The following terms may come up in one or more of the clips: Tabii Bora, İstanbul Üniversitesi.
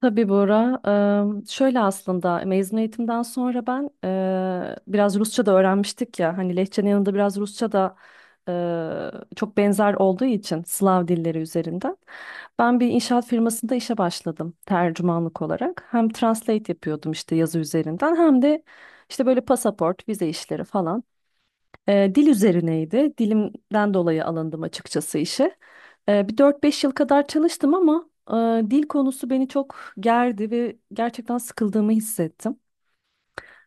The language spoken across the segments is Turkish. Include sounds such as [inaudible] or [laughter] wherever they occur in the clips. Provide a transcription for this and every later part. Tabii Bora. Şöyle aslında mezun eğitimden sonra ben biraz Rusça da öğrenmiştik ya. Hani Lehçe'nin yanında biraz Rusça da eee, çok benzer olduğu için Slav dilleri üzerinden. Ben bir inşaat firmasında işe başladım tercümanlık olarak. Hem translate yapıyordum işte yazı üzerinden hem de işte böyle pasaport, vize işleri falan. Dil üzerineydi. Dilimden dolayı alındım açıkçası işe. Bir 4-5 yıl kadar çalıştım ama dil konusu beni çok gerdi ve gerçekten sıkıldığımı hissettim.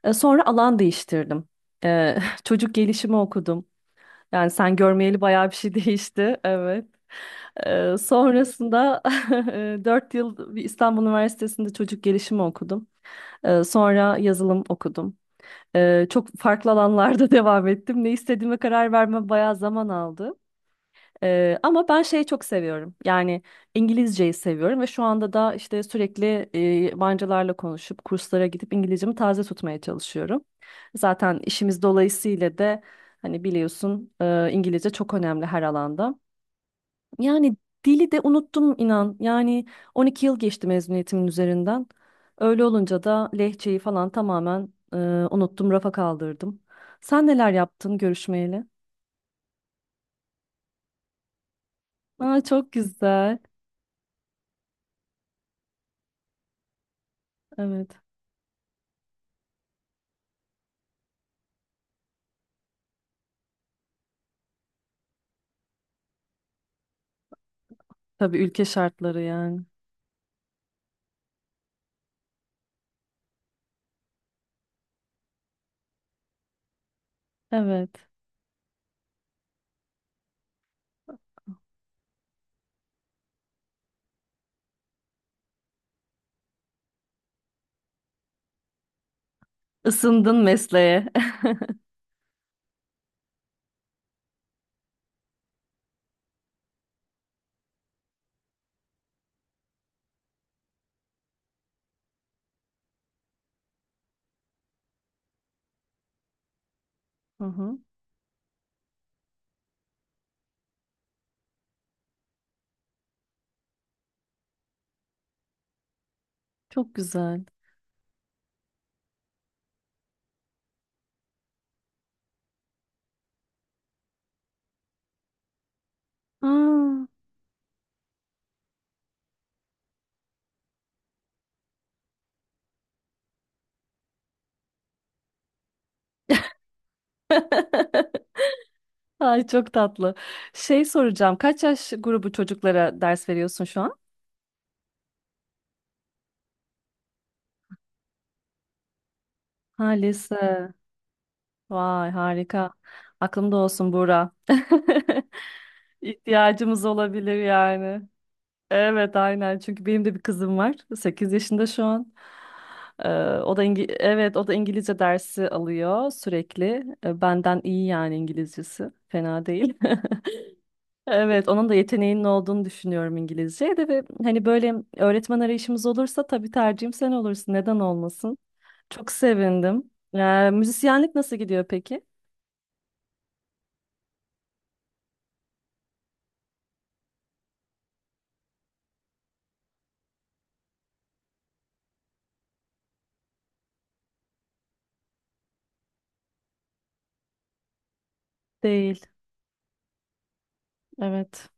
Sonra alan değiştirdim. Ee, [laughs] çocuk gelişimi okudum. Yani sen görmeyeli bayağı bir şey [laughs] değişti. Evet. Sonrasında [laughs] 4 yıl bir İstanbul Üniversitesi'nde çocuk gelişimi okudum. Sonra yazılım okudum. Çok farklı alanlarda [laughs] devam ettim. Ne istediğime karar verme bayağı zaman aldı. Ama ben şeyi çok seviyorum. Yani İngilizceyi seviyorum ve şu anda da işte sürekli yabancılarla konuşup kurslara gidip İngilizcemi taze tutmaya çalışıyorum. Zaten işimiz dolayısıyla da hani biliyorsun İngilizce çok önemli her alanda. Yani dili de unuttum inan. Yani 12 yıl geçti mezuniyetimin üzerinden. Öyle olunca da lehçeyi falan tamamen unuttum, rafa kaldırdım. Sen neler yaptın görüşmeyle? Aa, çok güzel. Evet. Tabii ülke şartları yani. Evet. Isındın mesleğe. [laughs] Hı hı. Çok güzel. Aa. [laughs] Ay çok tatlı. Şey soracağım. Kaç yaş grubu çocuklara ders veriyorsun şu an? Ha lise. Vay harika. Aklımda olsun Buğra. [laughs] İhtiyacımız olabilir yani. Evet, aynen, çünkü benim de bir kızım var. 8 yaşında şu an. Evet, o da İngilizce dersi alıyor sürekli. Benden iyi yani İngilizcesi. Fena değil. [laughs] Evet, onun da yeteneğinin olduğunu düşünüyorum İngilizce'ye de, ve hani böyle öğretmen arayışımız olursa tabii tercihim sen olursun. Neden olmasın? Çok sevindim. Müzisyenlik nasıl gidiyor peki? Değil. Evet.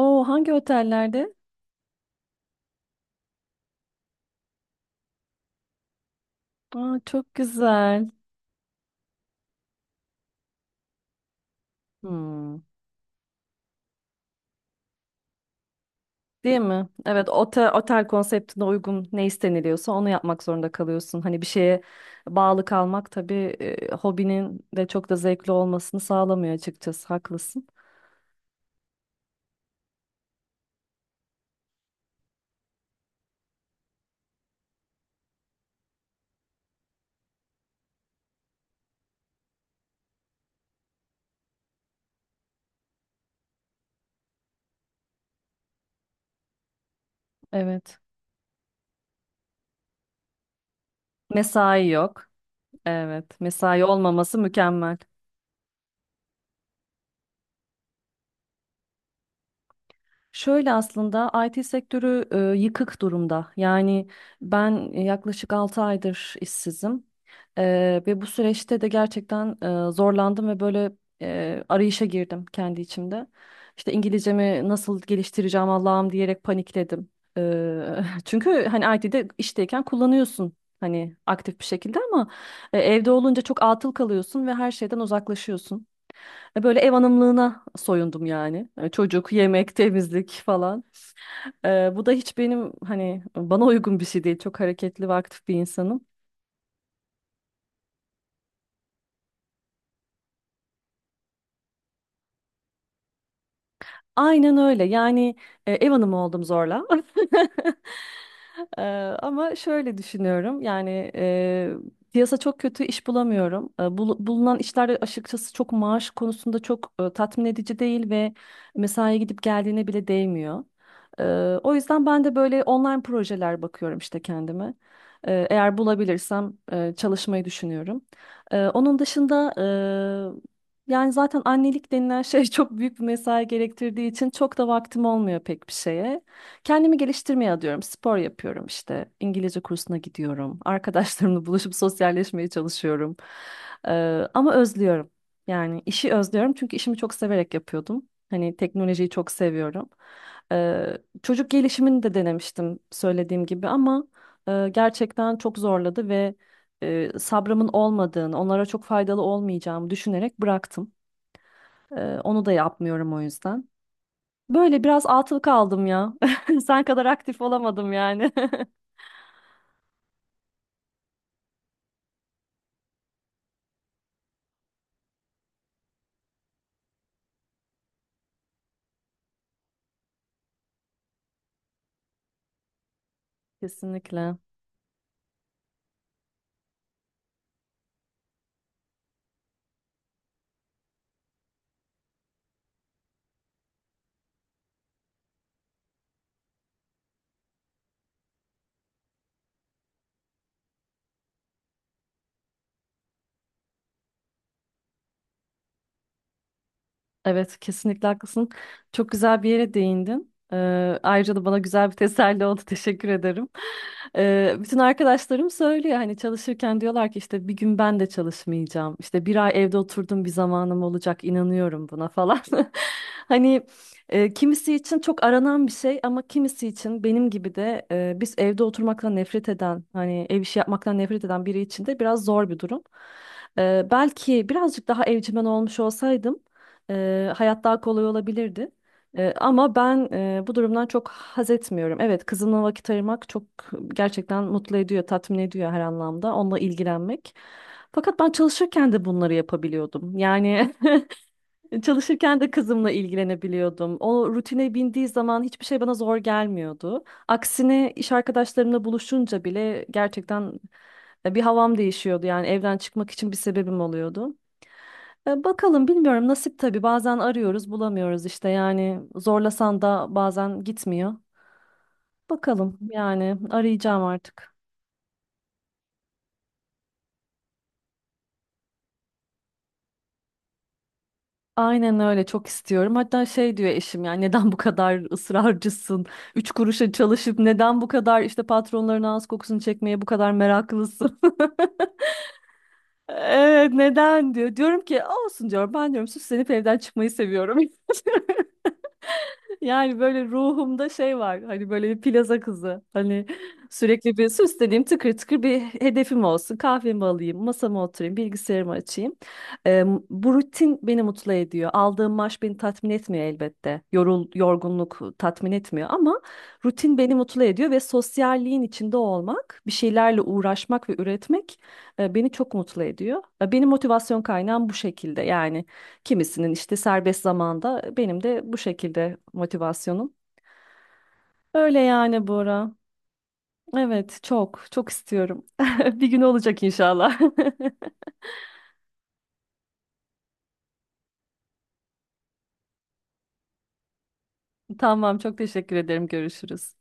Oo, hangi otellerde? Aa, çok güzel. Hmm. Değil mi? Evet, otel, otel konseptine uygun ne isteniliyorsa onu yapmak zorunda kalıyorsun. Hani bir şeye bağlı kalmak tabii hobinin de çok da zevkli olmasını sağlamıyor açıkçası. Haklısın. Evet. Mesai yok. Evet, mesai olmaması mükemmel. Şöyle aslında IT sektörü yıkık durumda. Yani ben yaklaşık 6 aydır işsizim. E, Ve bu süreçte de gerçekten zorlandım ve böyle arayışa girdim kendi içimde. İşte İngilizcemi nasıl geliştireceğim Allah'ım diyerek panikledim. [laughs] Çünkü hani IT'de işteyken kullanıyorsun hani aktif bir şekilde ama evde olunca çok atıl kalıyorsun ve her şeyden uzaklaşıyorsun. Böyle ev hanımlığına soyundum yani. Çocuk, yemek, temizlik falan. Bu da hiç benim hani bana uygun bir şey değil. Çok hareketli ve aktif bir insanım. Aynen öyle. Yani ev hanımı oldum zorla. [laughs] Ee, Ama şöyle düşünüyorum yani piyasa çok kötü, iş bulamıyorum. Bulunan işler de açıkçası çok maaş konusunda çok tatmin edici değil ve mesaiye gidip geldiğine bile değmiyor. Ee, O yüzden ben de böyle online projeler bakıyorum işte kendime. Eğer bulabilirsem çalışmayı düşünüyorum. Onun dışında yani zaten annelik denilen şey [laughs] çok büyük bir mesai gerektirdiği için çok da vaktim olmuyor pek bir şeye. Kendimi geliştirmeye adıyorum. Spor yapıyorum işte. İngilizce kursuna gidiyorum. [laughs] Arkadaşlarımla buluşup sosyalleşmeye çalışıyorum. Ee, Ama özlüyorum. Yani işi özlüyorum çünkü işimi çok severek yapıyordum. Hani teknolojiyi çok seviyorum. Ee, Çocuk gelişimini de denemiştim söylediğim gibi ama gerçekten çok zorladı ve sabrımın olmadığını, onlara çok faydalı olmayacağımı düşünerek bıraktım. Onu da yapmıyorum o yüzden. Böyle biraz atıl kaldım ya. [laughs] Sen kadar aktif olamadım yani. [laughs] Kesinlikle. Evet, kesinlikle haklısın. Çok güzel bir yere değindin. Ayrıca da bana güzel bir teselli oldu. [laughs] Teşekkür ederim. Bütün arkadaşlarım söylüyor hani çalışırken, diyorlar ki işte bir gün ben de çalışmayacağım. İşte bir ay evde oturdum, bir zamanım olacak. İnanıyorum buna falan. [laughs] Hani kimisi için çok aranan bir şey ama kimisi için benim gibi de biz evde oturmaktan nefret eden, hani ev işi yapmaktan nefret eden biri için de biraz zor bir durum. Belki birazcık daha evcimen olmuş olsaydım. Hayat daha kolay olabilirdi. Ama ben Bu durumdan çok haz etmiyorum. Evet, kızımla vakit ayırmak çok gerçekten mutlu ediyor, tatmin ediyor her anlamda. Onunla ilgilenmek. Fakat ben çalışırken de bunları yapabiliyordum. Yani [laughs] çalışırken de kızımla ilgilenebiliyordum. O rutine bindiği zaman hiçbir şey bana zor gelmiyordu. Aksine iş arkadaşlarımla buluşunca bile gerçekten bir havam değişiyordu. Yani evden çıkmak için bir sebebim oluyordu. Bakalım, bilmiyorum, nasip tabii, bazen arıyoruz bulamıyoruz işte, yani zorlasan da bazen gitmiyor. Bakalım yani, arayacağım artık. Aynen öyle, çok istiyorum. Hatta şey diyor eşim, yani neden bu kadar ısrarcısın? Üç kuruşa çalışıp neden bu kadar işte patronların ağız kokusunu çekmeye bu kadar meraklısın? [laughs] Evet neden diyor. Diyorum ki olsun diyorum, ben diyorum süslenip evden çıkmayı seviyorum. [laughs] Yani böyle ruhumda şey var. Hani böyle bir plaza kızı. Hani sürekli bir süsleneyim, tıkır tıkır bir hedefim olsun. Kahvemi alayım, masama oturayım, bilgisayarımı açayım. Eee, Bu rutin beni mutlu ediyor. Aldığım maaş beni tatmin etmiyor elbette. Yorgunluk tatmin etmiyor ama rutin beni mutlu ediyor ve sosyalliğin içinde olmak, bir şeylerle uğraşmak ve üretmek beni çok mutlu ediyor. Benim motivasyon kaynağım bu şekilde. Yani kimisinin işte serbest zamanda, benim de bu şekilde motivasyonum. Öyle yani Bora. Evet çok çok istiyorum. [laughs] Bir gün olacak inşallah. [laughs] Tamam çok teşekkür ederim. Görüşürüz.